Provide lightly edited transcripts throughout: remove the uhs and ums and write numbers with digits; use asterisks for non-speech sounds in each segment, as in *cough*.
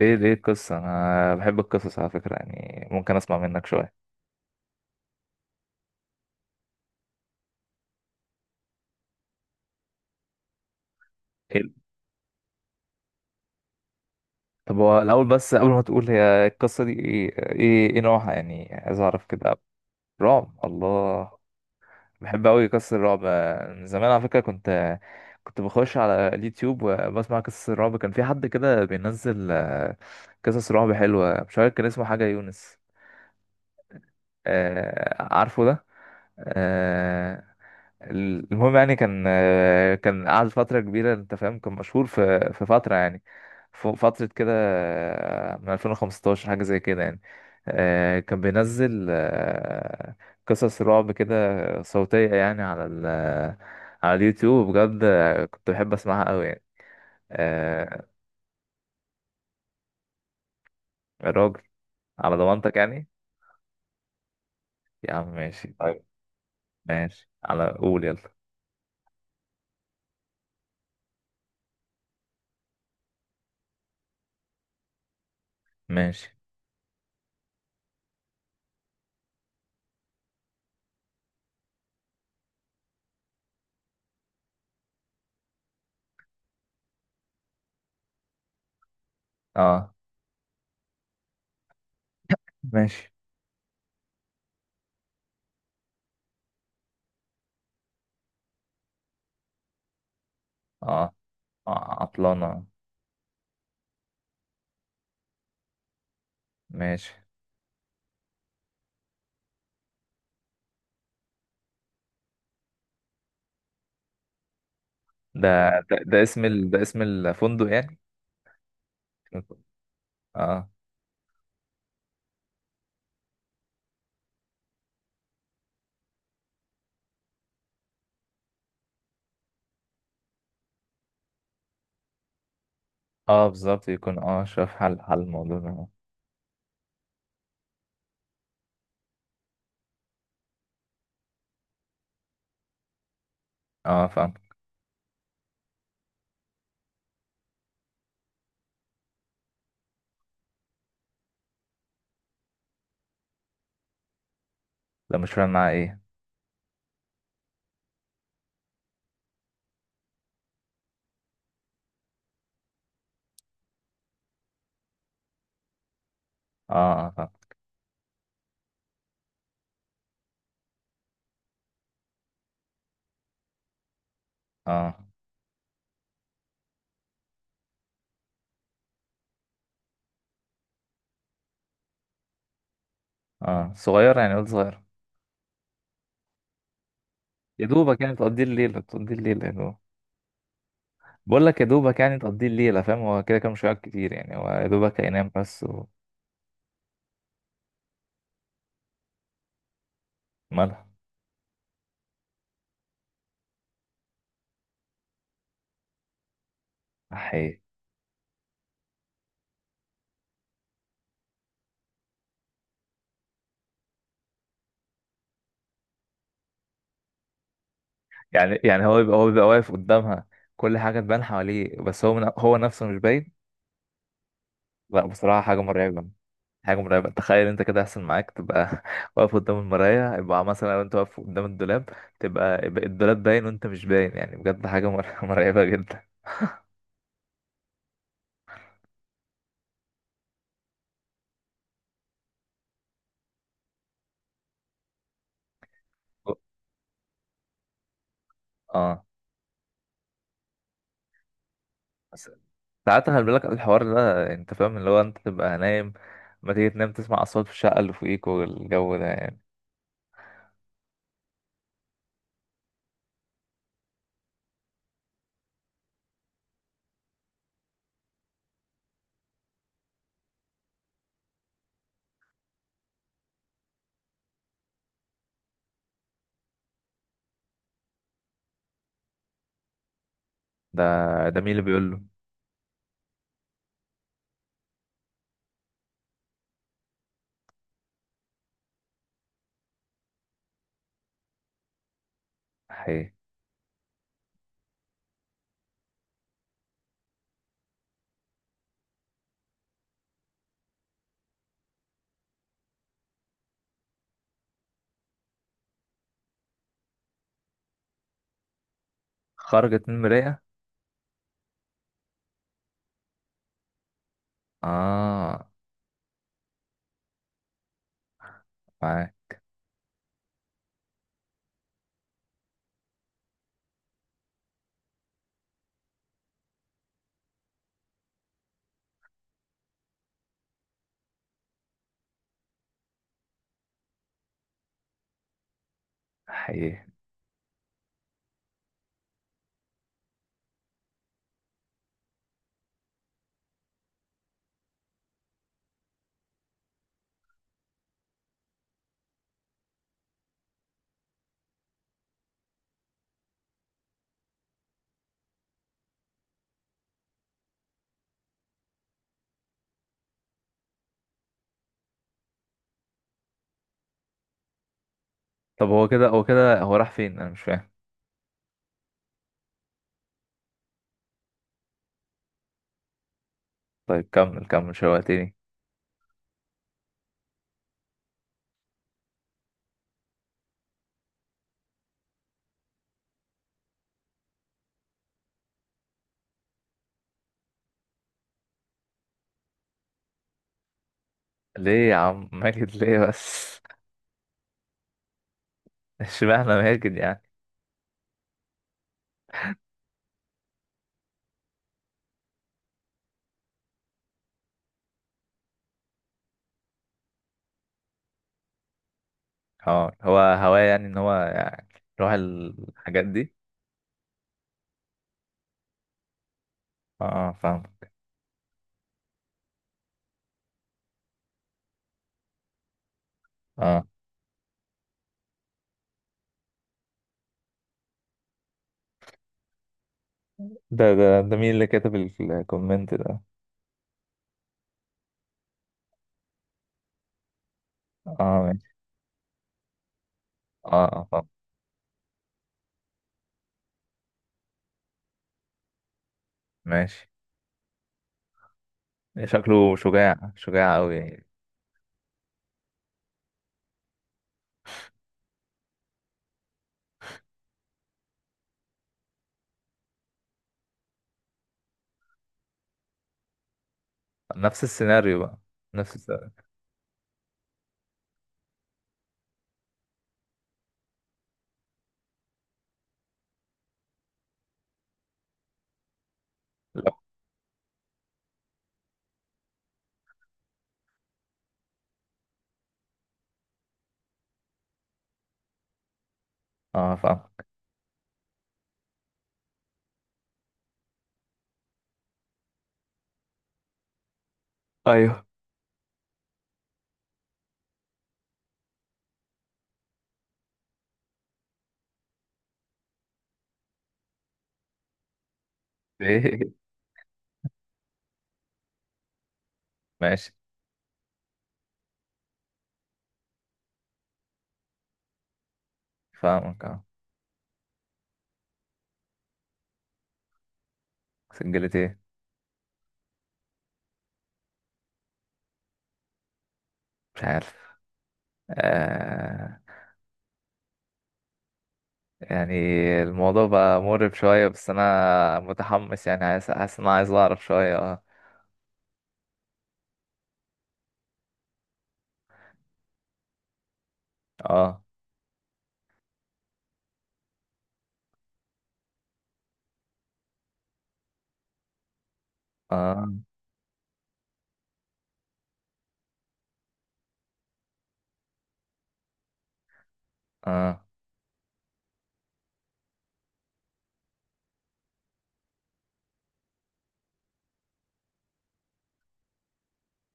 ايه دي القصة؟ انا بحب القصص على فكرة، يعني ممكن اسمع منك شوية. حلو. طب، هو الاول بس قبل ما تقول، هي القصة دي إيه نوعها، يعني عايز اعرف كده. رعب، الله. بحب اوي قصص الرعب من زمان على فكرة. كنت بخش على اليوتيوب وبسمع قصص الرعب. كان في حد كده بينزل قصص رعب حلوة، مش عارف كان اسمه حاجة يونس. عارفه ده. آه، المهم يعني كان قعد فترة كبيرة، انت فاهم، كان مشهور في فترة يعني فترة كده من 2015 حاجة زي كده يعني. كان بينزل قصص رعب كده صوتية يعني على اليوتيوب. بجد كنت بحب اسمعها قوي يعني. آه، الراجل، على ضمانتك يعني. يا عم، ماشي، طيب. ماشي، على قول، يلا. ماشي. اه، ماشي. اه، اه، عطلانة. ماشي. ده اسم الفندق يعني؟ اه. اه، بالظبط، يكون شاف حل الموضوع ده. اه، فاهم. ده مش فاهم معاه ايه؟ اه، اه، فاهم. اه، اه، صغير يعني، قلت صغير. يا دوبك يعني تقضي الليلة، يا دوب. بقول لك، يا دوبك يعني تقضي الليلة، فاهم، هو كده كده مش هيقعد كتير يعني، هو يا دوبك هينام بس. ومالها؟ حقيقي؟ يعني هو بيبقى واقف قدامها، كل حاجة تبان حواليه، بس هو هو نفسه مش باين. لا، بصراحة، حاجة مرعبة. حاجة مرعبة، تخيل انت كده يحصل معاك، تبقى *laughs* واقف قدام المراية، يبقى مثلا لو انت واقف قدام الدولاب يبقى الدولاب باين وانت مش باين، يعني بجد حاجة *laughs* مرعبة جدا. اه، بس ساعات خلي بالك الحوار ده، انت فاهم، اللي هو انت تبقى نايم، ما تيجي تنام تسمع اصوات في الشقة اللي فوقيك والجو ده يعني. ده ده مين اللي بيقول له؟ حقيقي؟ خرجت من المراية؟ اه. معاك. حقيقي؟ طب هو كده هو راح فين؟ انا مش فاهم. طيب، كمل كمل، شوقتني. ليه يا عم ماجد، ليه بس؟ *laughs* اشمعنى ماجد يعني؟ اه، هو هواه يعني، ان هو يعني يروح الحاجات دي. اه، فاهم. اه، ده مين اللي كتب الكومنت ده؟ اه، ماشي. اه، اه، فاهم. ماشي، شكله شجاع شجاع قوي يعني. نفس السيناريو بقى، نفس السيناريو. لا. اه، فاهم. ايوه. *laughs* ايه؟ ماشي. فاهمك، اه. سجلت ايه؟ مش عارف. آه يعني الموضوع بقى مقرب شوية، بس أنا متحمس يعني، عايز، حاسس إن أنا عايز أعرف شوية، اه. اه، اه، اه،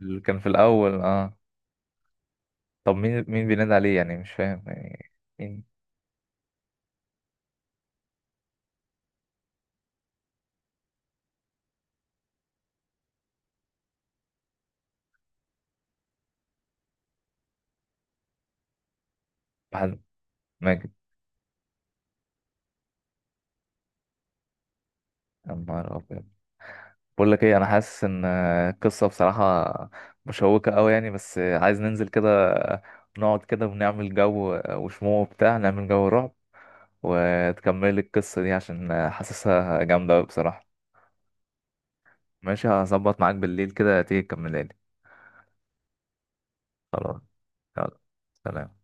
اللي كان في الأول، اه. طب مين بينادي عليه؟ يعني مش فاهم يعني. مين؟ محمد، ماجد. يا نهار أبيض! بقول لك إيه، أنا حاسس إن القصة بصراحة مشوقة أوي يعني. بس عايز ننزل كده، نقعد كده ونعمل جو وشموع وبتاع، نعمل جو رعب وتكمل القصة دي، عشان حاسسها جامدة أوي بصراحة. ماشي، هظبط معاك بالليل كده تيجي تكملها لي. خلاص. يلا. سلام.